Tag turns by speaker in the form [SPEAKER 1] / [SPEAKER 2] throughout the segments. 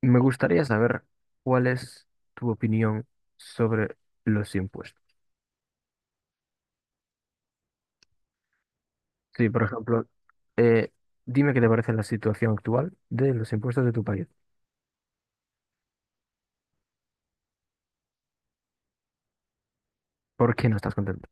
[SPEAKER 1] Me gustaría saber cuál es tu opinión sobre los impuestos. Sí, por ejemplo, eh, dime qué te parece la situación actual de los impuestos de tu país. ¿Por qué no estás contento?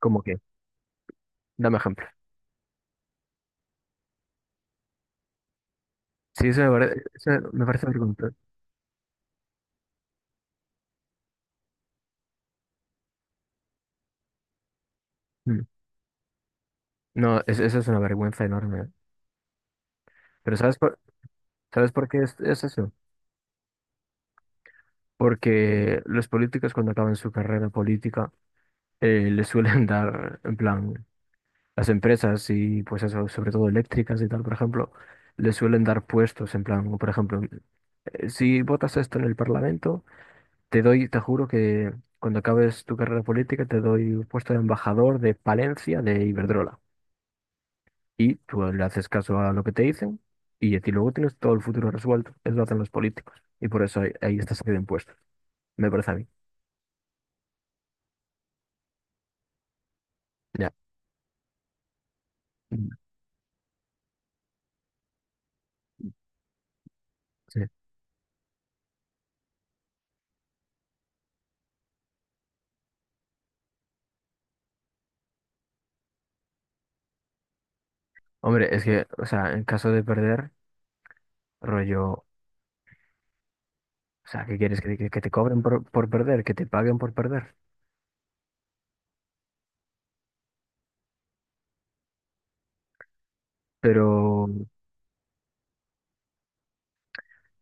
[SPEAKER 1] ¿Cómo que? Dame ejemplo. Sí, eso me parece vergonzoso. Mm. No, eso es una vergüenza enorme, ¿eh? Pero ¿sabes por qué es eso? Porque los políticos, cuando acaban su carrera política, les suelen dar, en plan, las empresas y pues eso, sobre todo eléctricas y tal, por ejemplo, le suelen dar puestos, en plan, o, por ejemplo, si votas esto en el Parlamento, te doy, te juro que cuando acabes tu carrera política te doy un puesto de embajador de Palencia de Iberdrola. Y tú le haces caso a lo que te dicen y a ti luego tienes todo el futuro resuelto. Eso lo hacen los políticos. Y por eso ahí está saliendo impuestos, me parece a mí. Ya. Mm. Sí. Hombre, es que, o sea, en caso de perder, rollo. O sea, ¿qué quieres? ¿Que, que te cobren por perder? ¿Que te paguen por perder? Pero,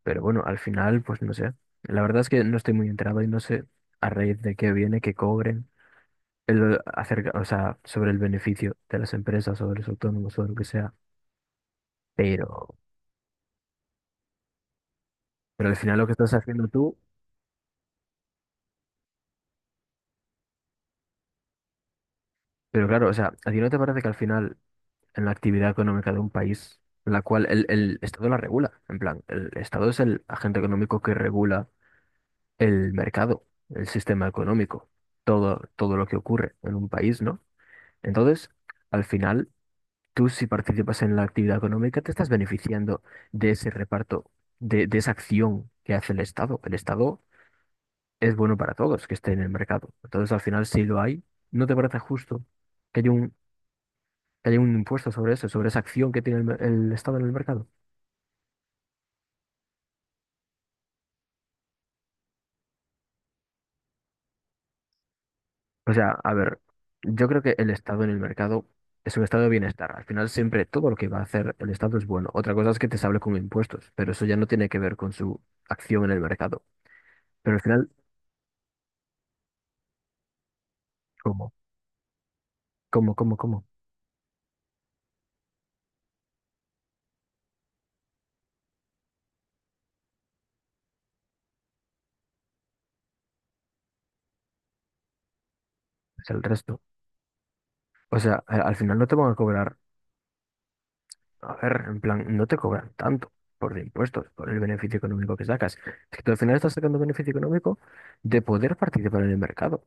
[SPEAKER 1] pero bueno, al final, pues no sé. La verdad es que no estoy muy enterado y no sé a raíz de qué viene que cobren el acerca, o sea, sobre el beneficio de las empresas, sobre los autónomos, sobre lo que sea. Pero, pero al final lo que estás haciendo tú, pero claro, o sea, ¿a ti no te parece que al final, en la actividad económica de un país, la cual el Estado la regula? En plan, el Estado es el agente económico que regula el mercado, el sistema económico, todo, todo lo que ocurre en un país, ¿no? Entonces, al final, tú, si participas en la actividad económica, te estás beneficiando de ese reparto, de esa acción que hace el Estado. El Estado es bueno para todos que esté en el mercado. Entonces, al final, si lo hay, ¿no te parece justo que haya un, que haya un impuesto sobre eso, sobre esa acción que tiene el, el Estado en el mercado? O sea, a ver, yo creo que el Estado en el mercado es un estado de bienestar. Al final, siempre todo lo que va a hacer el Estado es bueno. Otra cosa es que te sable con impuestos, pero eso ya no tiene que ver con su acción en el mercado. Pero al final, ¿cómo? ¿Cómo? Es el resto. O sea, al final no te van a cobrar, a ver, en plan, no te cobran tanto por los impuestos, por el beneficio económico que sacas. Es que tú al final estás sacando beneficio económico de poder participar en el mercado.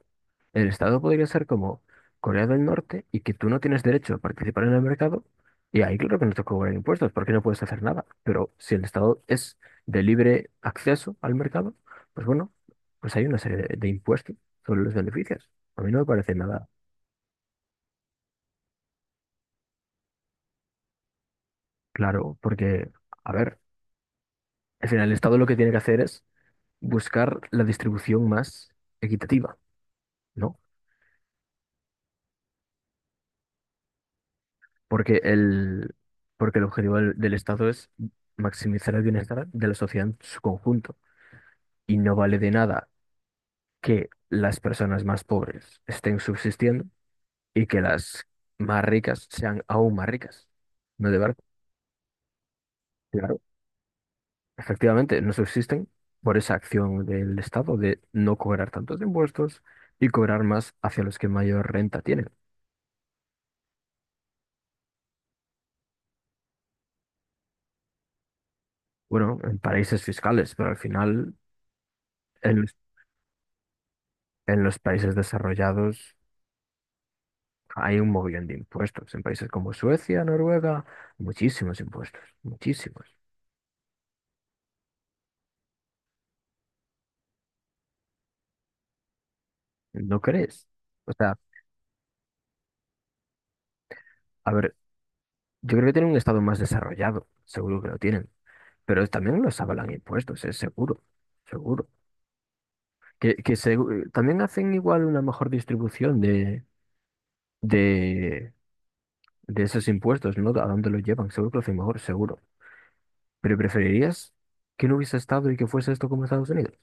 [SPEAKER 1] El Estado podría ser como Corea del Norte y que tú no tienes derecho a participar en el mercado, y ahí claro que no te cobran impuestos porque no puedes hacer nada. Pero si el Estado es de libre acceso al mercado, pues bueno, pues hay una serie de impuestos sobre los beneficios. A mí no me parece nada claro porque, a ver, al final el Estado lo que tiene que hacer es buscar la distribución más equitativa, ¿no? Porque el, porque el objetivo del Estado es maximizar el bienestar de la sociedad en su conjunto, y no vale de nada que las personas más pobres estén subsistiendo y que las más ricas sean aún más ricas. ¿No, de verdad? Claro. Efectivamente, no subsisten por esa acción del Estado de no cobrar tantos impuestos y cobrar más hacia los que mayor renta tienen. Bueno, en paraísos fiscales, pero al final en los, en los países desarrollados hay un mogollón de impuestos. En países como Suecia, Noruega, muchísimos impuestos, muchísimos. ¿No crees? O sea, a ver, yo creo que tienen un estado más desarrollado, seguro que lo tienen, pero también los avalan impuestos, es seguro, seguro. Que también hacen igual una mejor distribución de, de esos impuestos, ¿no? ¿A dónde los llevan? Seguro que lo hacen mejor, seguro. Pero ¿preferirías que no hubiese estado y que fuese esto como Estados Unidos?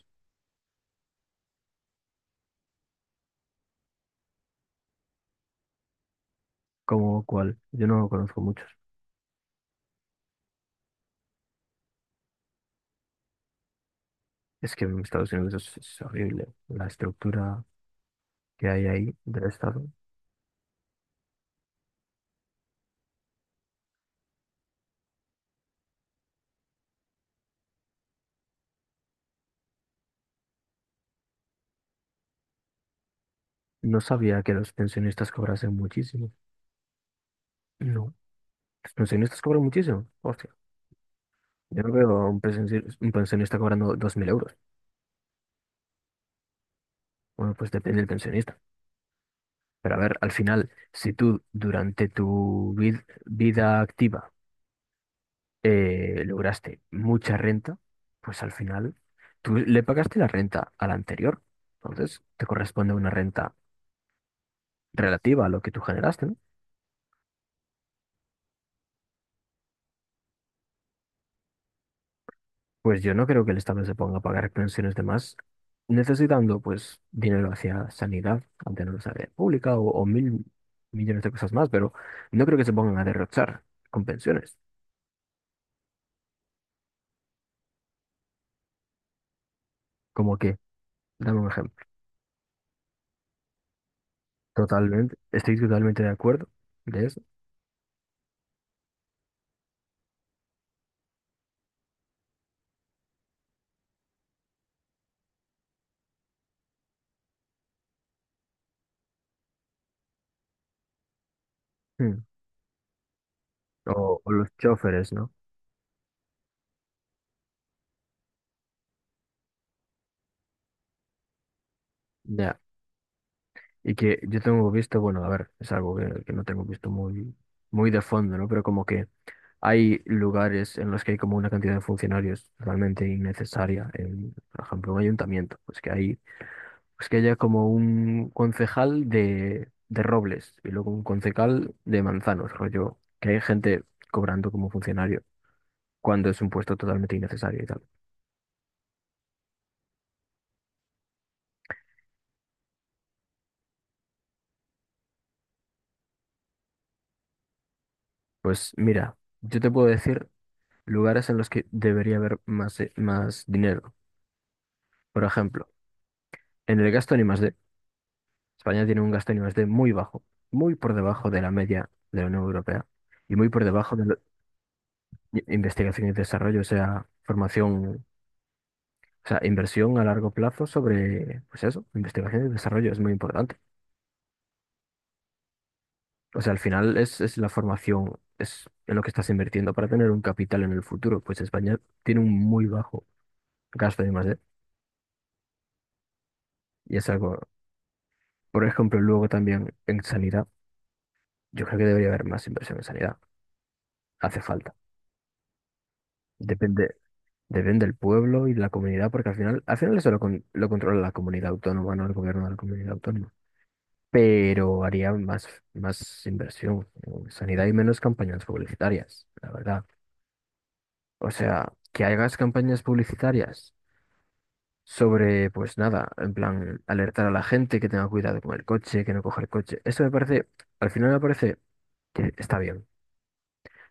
[SPEAKER 1] ¿Como cuál? Yo no conozco muchos. Es que en Estados Unidos es horrible la estructura que hay ahí del Estado. No sabía que los pensionistas cobrasen muchísimo. No. Los pensionistas cobran muchísimo. Hostia. Yo no veo a un pensionista cobrando 2000 euros. Bueno, pues depende del pensionista. Pero, a ver, al final, si tú durante tu vida activa lograste mucha renta, pues al final tú le pagaste la renta a la anterior. Entonces, te corresponde una renta relativa a lo que tú generaste, ¿no? Pues yo no creo que el Estado se ponga a pagar pensiones de más, necesitando pues dinero hacia sanidad, ante mantener sanidad pública o mil millones de cosas más, pero no creo que se pongan a derrochar con pensiones. Como que, dame un ejemplo. Totalmente, estoy totalmente de acuerdo de eso. Mm. O los choferes, ¿no? Ya. Y que yo tengo visto, bueno, a ver, es algo que no tengo visto muy, muy de fondo, ¿no? Pero como que hay lugares en los que hay como una cantidad de funcionarios totalmente innecesaria. En, por ejemplo, un ayuntamiento, pues que hay, pues que haya como un concejal de Robles y luego un concejal de Manzanos, rollo, que hay gente cobrando como funcionario cuando es un puesto totalmente innecesario y tal. Pues mira, yo te puedo decir lugares en los que debería haber más, más dinero. Por ejemplo, en el gasto en I+D. España tiene un gasto en I+D muy bajo, muy por debajo de la media de la Unión Europea y muy por debajo de la investigación y desarrollo, o sea, formación, o sea, inversión a largo plazo sobre, pues eso, investigación y desarrollo es muy importante. O sea, al final es la formación, es en lo que estás invirtiendo para tener un capital en el futuro. Pues España tiene un muy bajo gasto en I+D y es algo, por ejemplo, luego también en sanidad, yo creo que debería haber más inversión en sanidad, hace falta. Depende, depende del pueblo y de la comunidad, porque al final eso lo, lo controla la comunidad autónoma, no el gobierno de la comunidad autónoma. Pero haría más, más inversión en sanidad y menos campañas publicitarias, la verdad. O sea, que hagas campañas publicitarias sobre, pues nada, en plan, alertar a la gente que tenga cuidado con el coche, que no coja el coche. Eso me parece, al final me parece que está bien.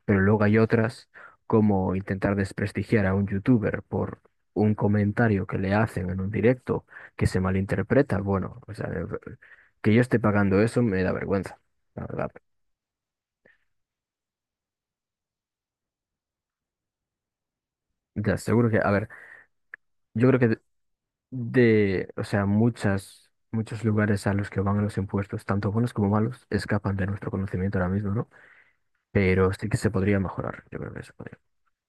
[SPEAKER 1] Pero luego hay otras, como intentar desprestigiar a un youtuber por un comentario que le hacen en un directo que se malinterpreta. Bueno, o sea, que yo esté pagando eso me da vergüenza, la verdad. Ya, seguro que, a ver, yo creo que de, o sea, muchas, muchos lugares a los que van los impuestos, tanto buenos como malos, escapan de nuestro conocimiento ahora mismo, ¿no? Pero sí que se podría mejorar, yo creo que se podría.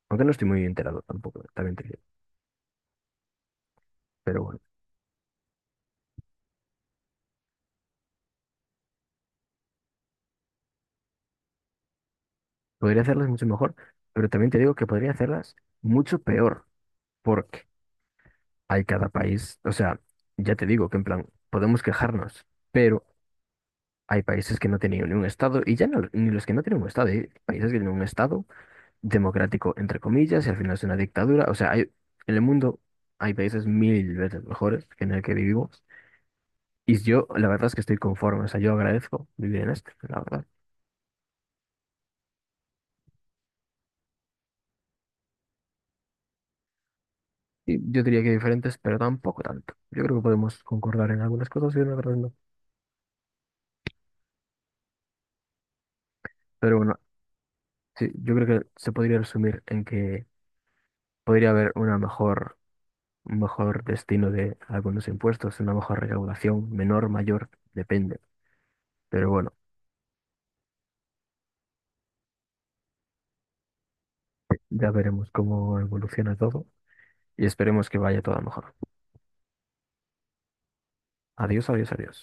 [SPEAKER 1] Aunque no estoy muy enterado tampoco, también te digo. Pero bueno. Podría hacerlas mucho mejor, pero también te digo que podría hacerlas mucho peor, porque hay cada país, o sea, ya te digo que, en plan, podemos quejarnos, pero hay países que no tienen ni un estado, y ya no, ni los que no tienen un estado, hay países que tienen un estado democrático, entre comillas, y al final es una dictadura, o sea, hay, en el mundo hay países mil veces mejores que en el que vivimos, y yo la verdad es que estoy conforme, o sea, yo agradezco vivir en este, la verdad. Y yo diría que diferentes, pero tampoco tanto. Yo creo que podemos concordar en algunas cosas y en otras no. Pero bueno, sí, yo creo que se podría resumir en que podría haber una mejor, un mejor destino de algunos impuestos, una mejor recaudación, menor, mayor, depende. Pero bueno, ya veremos cómo evoluciona todo y esperemos que vaya todo a mejor. Adiós, adiós, adiós.